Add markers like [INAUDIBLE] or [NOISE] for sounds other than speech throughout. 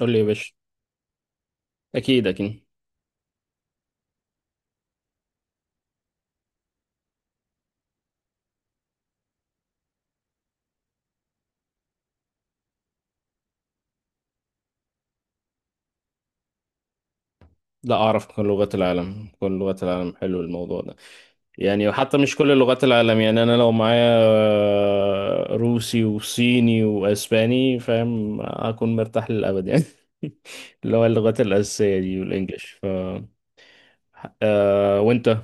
قول لي يا باشا. اكيد. لا، اعرف كل لغات العالم. كل لغات العالم حلو الموضوع ده. يعني وحتى مش كل لغات العالم، يعني انا لو معايا روسي وصيني واسباني، فاهم اكون مرتاح للابد يعني. [LAUGHS] اللي هو اللغات الاساسيه دي والانجليش آه. وانت؟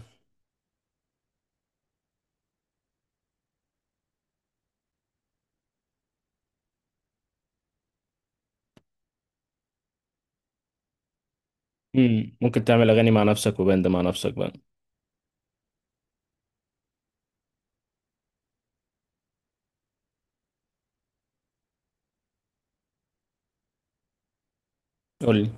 مم. ممكن تعمل اغاني مع نفسك وباند مع نفسك بقى. قول لي.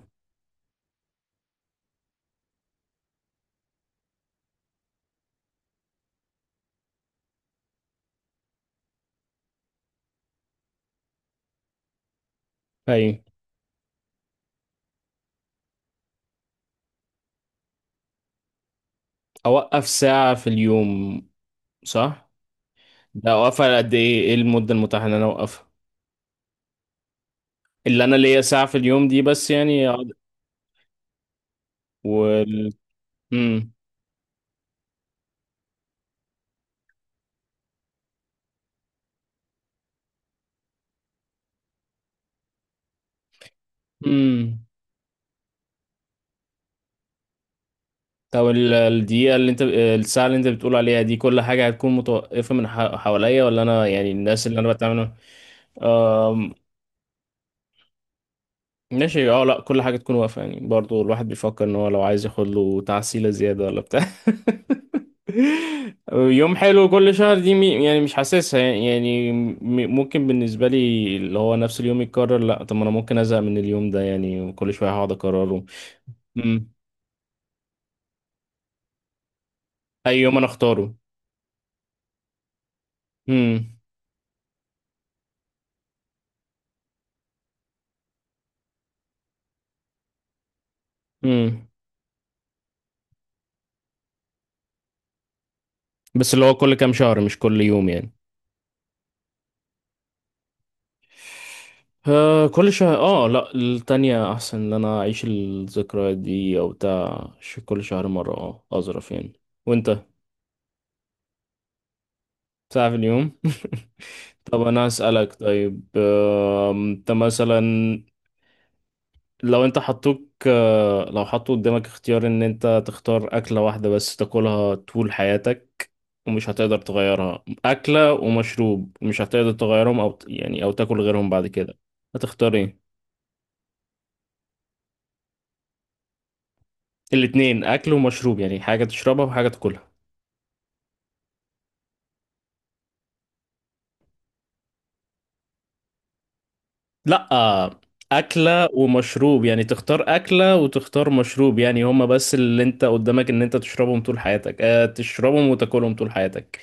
هاي. اوقف ساعه في اليوم. صح، ده اوقفها قد ايه؟ ايه المده المتاحه ان انا اوقفها؟ اللي انا ليا ساعة في اليوم دي بس، يعني وال امم. امم. طب الدقيقة اللي انت، الساعة اللي انت بتقول عليها دي، كل حاجة هتكون متوقفة من حواليا ولا انا يعني الناس اللي انا بتعامل معاهم؟ آم. ماشي. اه، لا كل حاجة تكون واقفة، يعني برضو الواحد بيفكر ان هو لو عايز ياخد له تعسيلة زيادة ولا بتاع. [LAUGHS] يوم حلو كل شهر دي يعني مش حاسسها يعني، يعني ممكن بالنسبة لي اللي هو نفس اليوم يتكرر، لا طب ما انا ممكن ازهق من اليوم ده يعني، وكل شوية هقعد اكرره. امم. اي يوم انا اختاره. امم. امم. بس اللي هو كل كام شهر مش كل يوم يعني. آه كل شهر، اه لا التانية احسن ان انا اعيش الذكرى دي او بتاع كل شهر مرة، اه اظرف يعني. وانت؟ ساعة في اليوم. [LAUGHS] طب انا هسألك طيب، آه انت مثلا لو انت حطوك، آه لو حطوا قدامك اختيار ان انت تختار اكلة واحدة بس تاكلها طول حياتك ومش هتقدر تغيرها، أكلة ومشروب مش هتقدر تغيرهم أو يعني أو تاكل غيرهم بعد كده. هتختار ايه؟ الاتنين، أكل ومشروب، يعني حاجة تشربها وحاجة تاكلها. لأ، أكلة ومشروب يعني تختار أكلة وتختار مشروب، يعني هما بس اللي أنت قدامك إن أنت تشربهم طول حياتك، أه تشربهم وتاكلهم طول حياتك.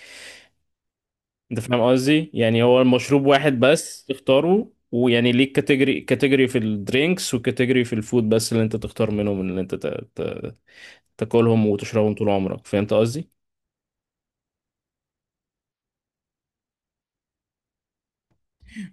أنت فاهم قصدي؟ يعني هو المشروب واحد بس تختاره، ويعني ليك كاتيجوري كاتيجوري في الدرينكس وكاتيجوري في الفود، بس اللي أنت تختار منهم اللي أنت تاكلهم وتشربهم طول عمرك. فهمت قصدي؟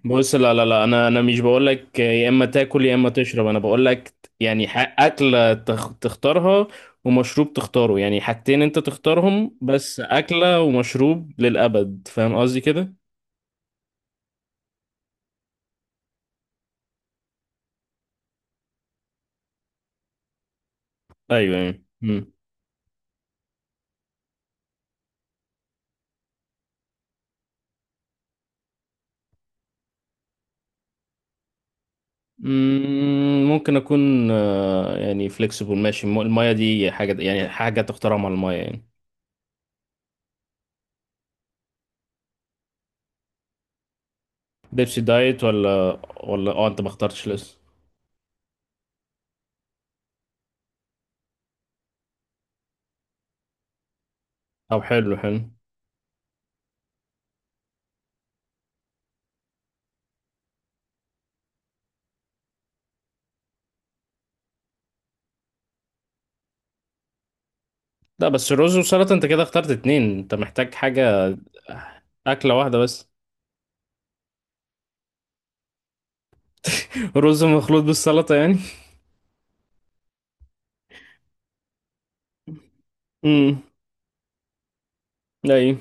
بص، لا انا مش بقول لك يا اما تاكل يا اما تشرب، انا بقول لك يعني اكله تختارها، ومشروب تختاره، يعني حاجتين انت تختارهم بس، اكله ومشروب للابد. فاهم قصدي كده؟ ايوه يعني مم. مم، ممكن اكون يعني فليكسيبل. ماشي، الميه دي حاجه، يعني حاجه تختارها مع الميه يعني. بيبسي دايت ولا ولا اه انت ما اخترتش لسه؟ طب حلو. لا، بس رز وسلطة انت كده اخترت اتنين، انت محتاج حاجة أكلة واحدة بس. [LAUGHS] رز مخلوط بالسلطة يعني. امم. اي.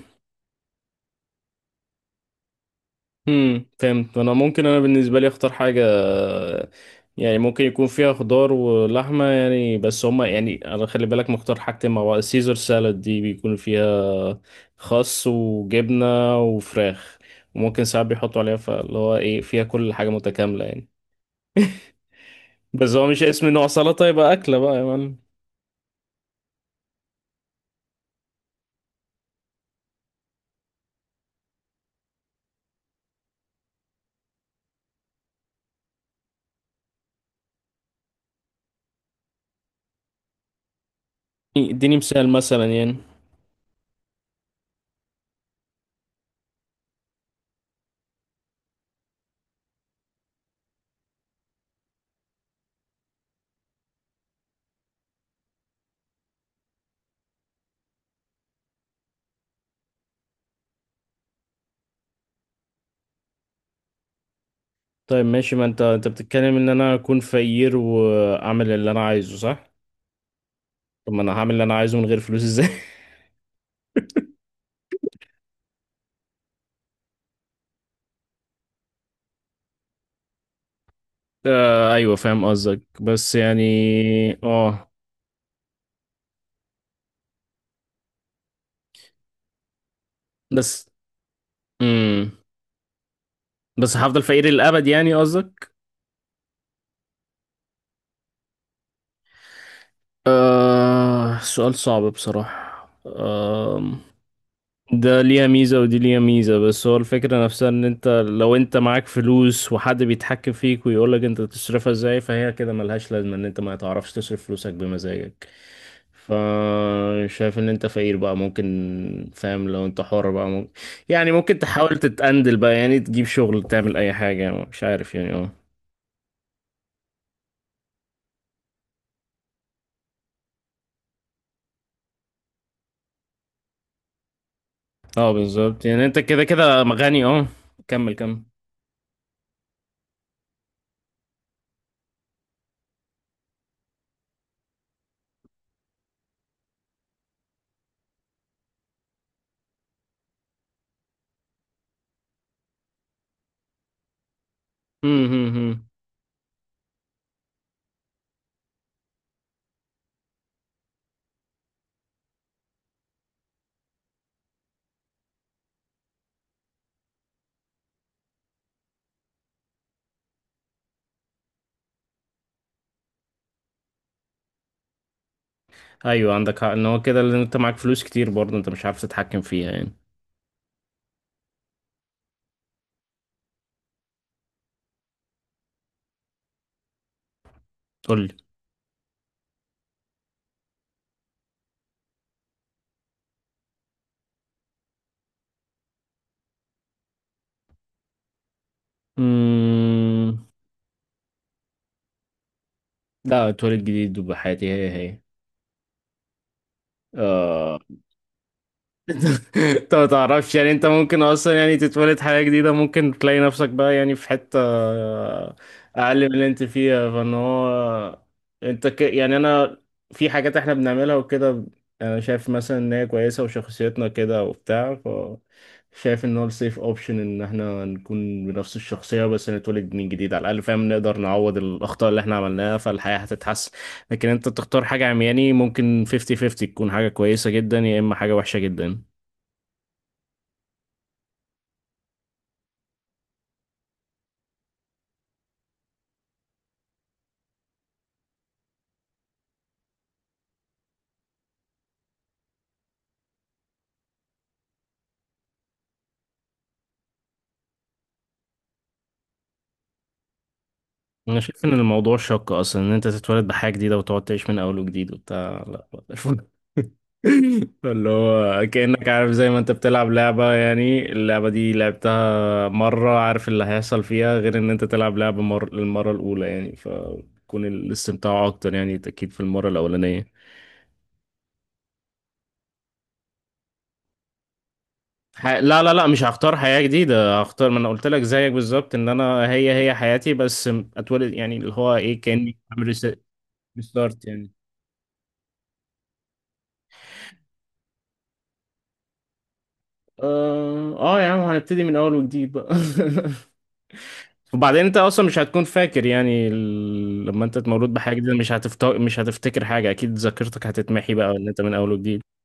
امم، فهمت. انا ممكن، انا بالنسبة لي اختار حاجة يعني ممكن يكون فيها خضار ولحمة، يعني بس هما يعني انا خلي بالك مختار حاجتين مع بعض. السيزر سالاد دي بيكون فيها خس وجبنة وفراخ، وممكن ساعات بيحطوا عليها فاللي هو ايه، فيها كل حاجة متكاملة يعني. بس هو مش اسم نوع سلطة، يبقى أكلة بقى يا معلم. اديني مثال مثلا يعني. طيب ماشي، ما انت انت بتتكلم ان انا اكون فقير واعمل اللي انا عايزه، صح؟ طب ما انا هعمل اللي انا عايزه من غير فلوس ازاي؟ [LAUGHS] آه ايوه فاهم قصدك، بس يعني اه. بس. امم. بس هفضل فقير للابد يعني قصدك؟ آه سؤال صعب بصراحة. آه. ده ليها ميزة ودي ليها ميزة، بس هو الفكرة نفسها ان انت لو انت معاك فلوس وحد بيتحكم فيك ويقولك انت تصرفها ازاي، فهي كده ملهاش لازمة ان انت ما تعرفش تصرف فلوسك بمزاجك. ف شايف ان انت فقير بقى ممكن، فاهم؟ لو انت حر بقى ممكن يعني ممكن تحاول تتقندل بقى، يعني تجيب شغل، تعمل اي حاجة يعني مش عارف يعني اه. اه بالظبط، يعني انت كده كده غني اه. كمل كمل. مم، مم، مم. ايوه عندك حق، ان هو كده اللي انت معاك فلوس كتير برضه انت مش عارف تتحكم فيها يعني. قول لي. مم... لا، اتولد جديد وبحياتي هي هي. آه... [LAUGHS] انت ما تعرفش يعني، انت ممكن اصلا يعني تتولد حياة جديدة، ممكن تلاقي نفسك بقى يعني في حتة اقل من اللي انت فيها، فان هو انت يعني انا في حاجات احنا بنعملها وكده، انا شايف مثلا ان هي كويسة وشخصيتنا كده وبتاع. ف شايف ان هو السيف اوبشن ان احنا نكون بنفس الشخصية بس نتولد من جديد على الاقل، فاهم؟ نقدر نعوض الاخطاء اللي احنا عملناها، فالحياة هتتحسن. لكن انت تختار حاجة عمياني، ممكن 50-50 تكون حاجة كويسة جدا يا اما حاجة وحشة جدا. انا شايف ان الموضوع شاق اصلا ان انت تتولد بحاجة جديدة وتقعد تعيش من اول وجديد وبتاع، لا لا. [LAUGHS] اللي هو كأنك عارف زي ما انت بتلعب لعبة، يعني اللعبة دي لعبتها مرة، عارف اللي هيحصل فيها، غير ان انت تلعب لعبة للمرة الأولى، يعني فكون الاستمتاع أكتر يعني أكيد في المرة الأولانية. لا، مش هختار حياة جديدة، هختار ما انا قلت لك زيك بالظبط، ان انا هي هي حياتي بس اتولد، يعني اللي هو ايه كاني عامل ريستارت يعني. اه اه يا عم، هنبتدي من اول وجديد بقى. [LAUGHS] وبعدين انت اصلا مش هتكون فاكر يعني لما انت مولود بحاجة جديدة مش مش هتفتكر حاجة، اكيد ذاكرتك هتتمحي بقى ان انت من اول وجديد.